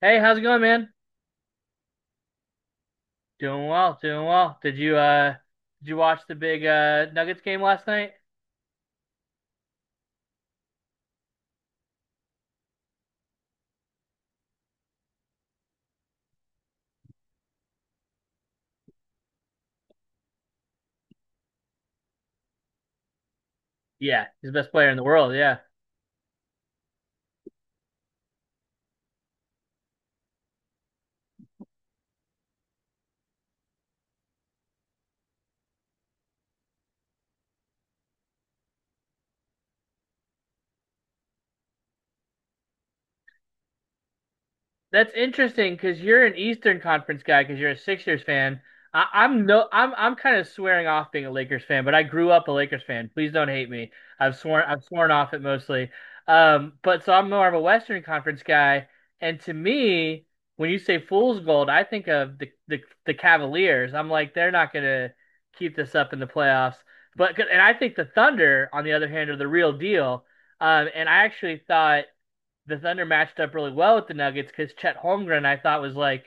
Hey, how's it going, man? Doing well, doing well. Did you did you watch the big Nuggets game last night? Yeah, he's the best player in the world. That's interesting because you're an Eastern Conference guy because you're a Sixers fan. I, I'm no, I'm kind of swearing off being a Lakers fan, but I grew up a Lakers fan. Please don't hate me. I've sworn off it mostly. But so I'm more of a Western Conference guy, and to me, when you say fool's gold, I think of the Cavaliers. I'm like they're not gonna keep this up in the playoffs. But and I think the Thunder, on the other hand, are the real deal. And I actually thought the Thunder matched up really well with the Nuggets because Chet Holmgren I thought was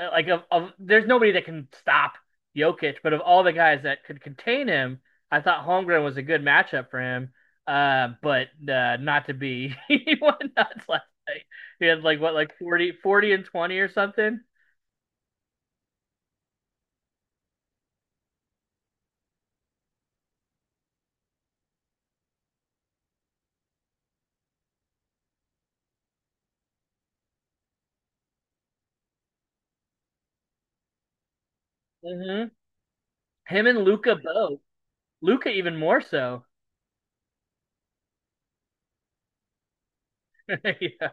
like of there's nobody that can stop Jokic, but of all the guys that could contain him, I thought Holmgren was a good matchup for him. But not to be, he went nuts last night. He had like what like forty and twenty or something. Mm-hmm. Him and Luca both. Luca even more so. yeah.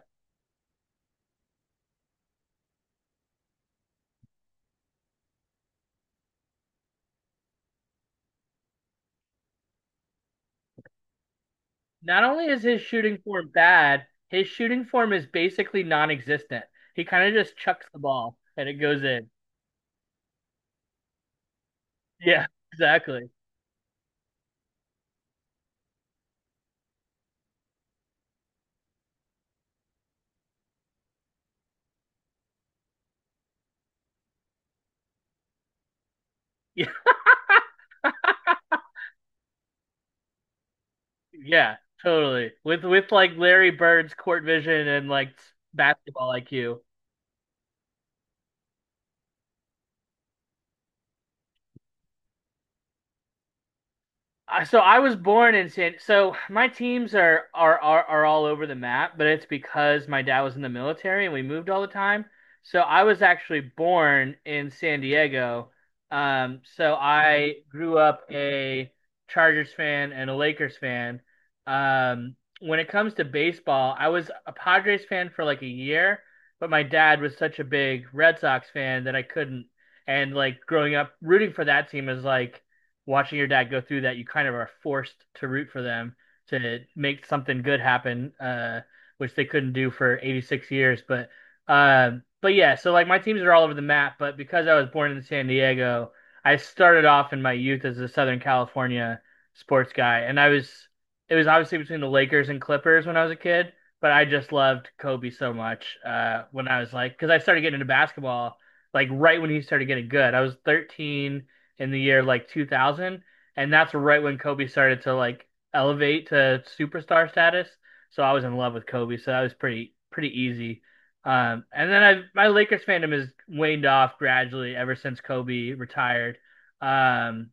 Not only is his shooting form bad, his shooting form is basically non-existent. He kind of just chucks the ball and it goes in. Yeah, exactly. Yeah, yeah, totally. With like Larry Bird's court vision and like basketball IQ. So I was born in San. So my teams are, are all over the map, but it's because my dad was in the military and we moved all the time. So I was actually born in San Diego. So I grew up a Chargers fan and a Lakers fan. Um, when it comes to baseball, I was a Padres fan for like a year, but my dad was such a big Red Sox fan that I couldn't. And like growing up rooting for that team is like watching your dad go through that, you kind of are forced to root for them to make something good happen, which they couldn't do for 86 years. But yeah, so like my teams are all over the map, but because I was born in San Diego, I started off in my youth as a Southern California sports guy, and I was it was obviously between the Lakers and Clippers when I was a kid, but I just loved Kobe so much when I was like, because I started getting into basketball like right when he started getting good. I was 13 in the year like 2000, and that's right when Kobe started to like elevate to superstar status. So I was in love with Kobe, so that was pretty easy. And then I my Lakers fandom has waned off gradually ever since Kobe retired. Um,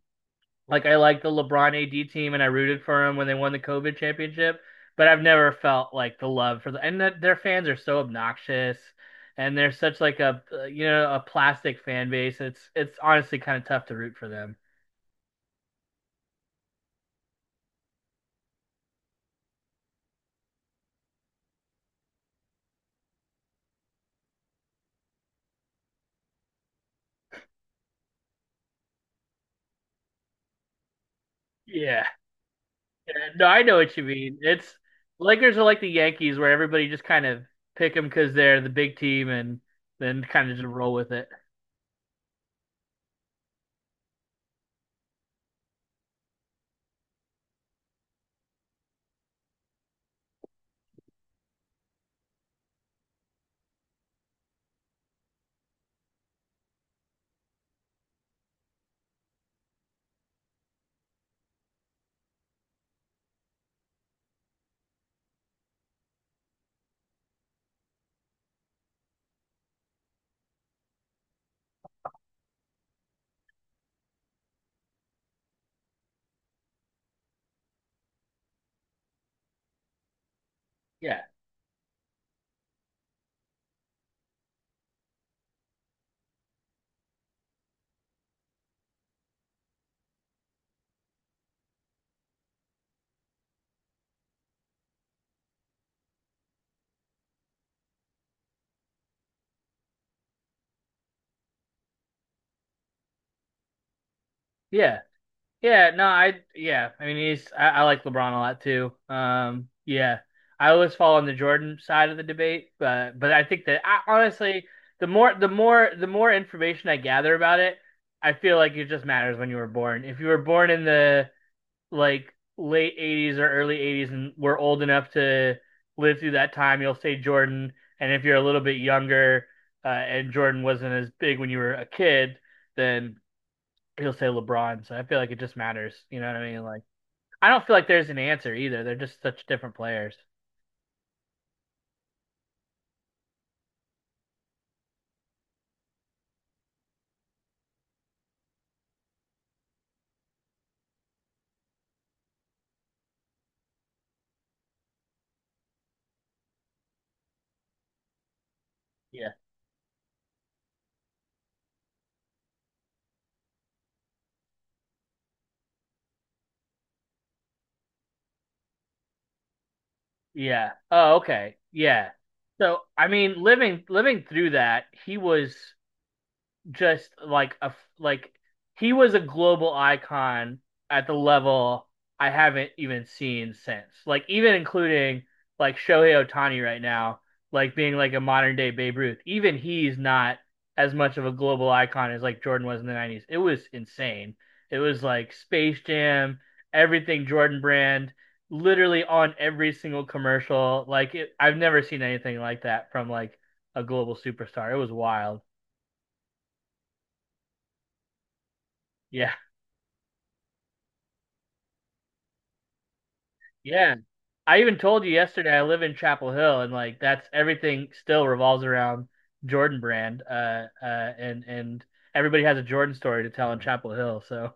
like I like the LeBron AD team, and I rooted for him when they won the COVID championship. But I've never felt like the love for the and that their fans are so obnoxious, and they're such like a you know a plastic fan base. It's honestly kind of tough to root for them. Yeah. Yeah. No, I know what you mean. It's Lakers are like the Yankees where everybody just kind of pick them because they're the big team and then kind of just roll with it. Yeah. Yeah. Yeah. No, I, yeah. I mean, I like LeBron a lot too. Yeah. I always fall on the Jordan side of the debate, but I think that I, honestly, the more information I gather about it, I feel like it just matters when you were born. If you were born in like late '80s or early '80s and we're old enough to live through that time, you'll say Jordan. And if you're a little bit younger and Jordan wasn't as big when you were a kid, then he'll say LeBron. So I feel like it just matters. You know what I mean? Like, I don't feel like there's an answer either. They're just such different players. Yeah. Yeah. Oh, okay. Yeah. So I mean, living through that, he was just like a like he was a global icon at the level I haven't even seen since. Like even including like Shohei Ohtani right now, like being like a modern day Babe Ruth. Even he's not as much of a global icon as like Jordan was in the '90s. It was insane. It was like Space Jam, everything Jordan brand, literally on every single commercial. Like it, I've never seen anything like that from like a global superstar. It was wild. Yeah. Yeah. I even told you yesterday I live in Chapel Hill and like that's everything still revolves around Jordan brand. And everybody has a Jordan story to tell in Chapel Hill. So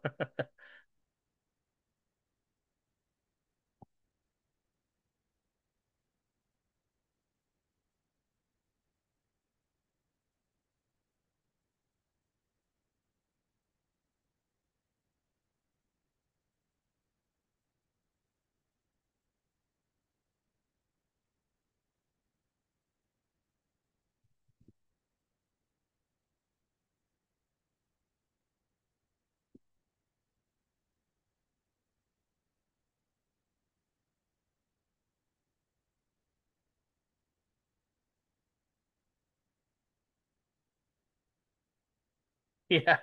yeah.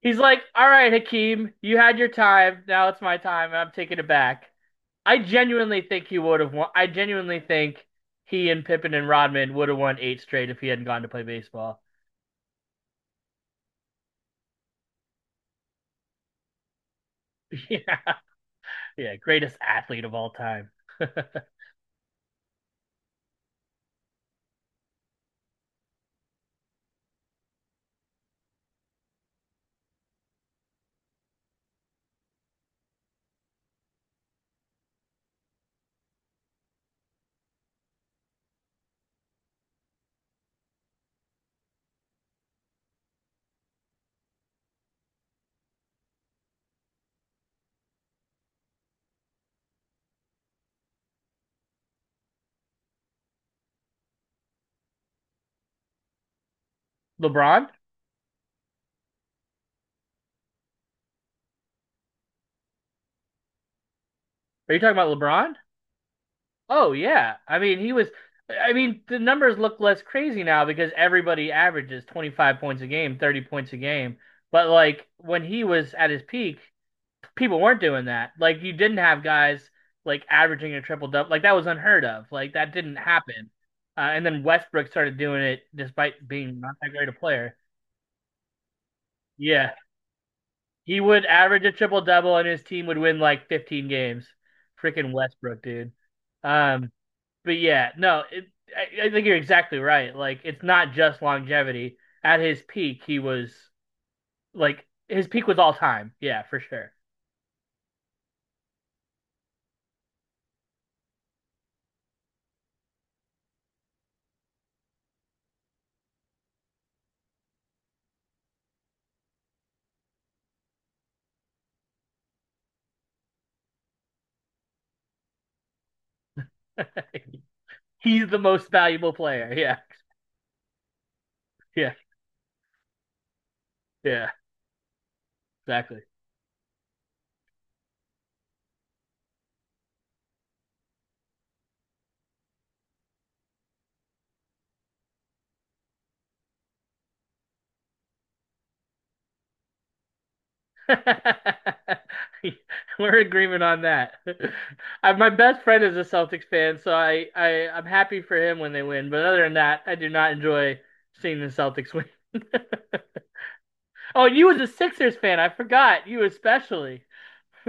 He's like, "All right, Hakeem, you had your time, now it's my time, I'm taking it back." I genuinely think he and Pippen and Rodman would have won eight straight if he hadn't gone to play baseball. Yeah. Yeah, greatest athlete of all time. LeBron? Are you talking about LeBron? Oh yeah. I mean, he was I mean, the numbers look less crazy now because everybody averages 25 points a game, 30 points a game. But like when he was at his peak, people weren't doing that. Like you didn't have guys like averaging a triple double. Like that was unheard of. Like that didn't happen. And then Westbrook started doing it despite being not that great a player. Yeah. He would average a triple double and his team would win like 15 games. Freaking Westbrook, dude. Um, but yeah, no, I think you're exactly right. Like, it's not just longevity. At his peak, he was like his peak was all time. Yeah, for sure. He's the most valuable player. Yeah, yeah, yeah, exactly. We're in agreement on that. I, my best friend is a Celtics fan, so I'm happy for him when they win. But other than that, I do not enjoy seeing the Celtics win. oh, you was a Sixers fan. I forgot you especially.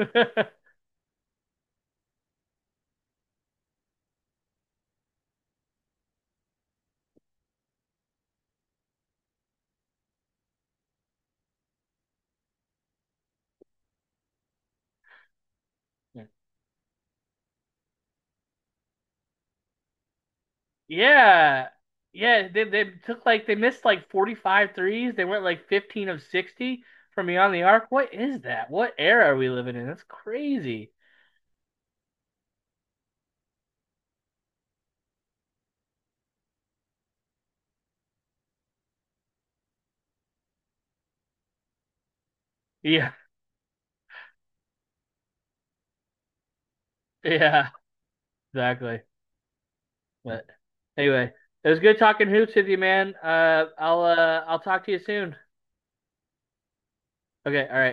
Yeah. Yeah. Yeah, they took like they missed like 45 threes. They went like 15 of 60 from beyond the arc. What is that? What era are we living in? That's crazy. Yeah. Yeah, exactly. But anyway, it was good talking hoops with you, man. I'll I'll talk to you soon. Okay, all right.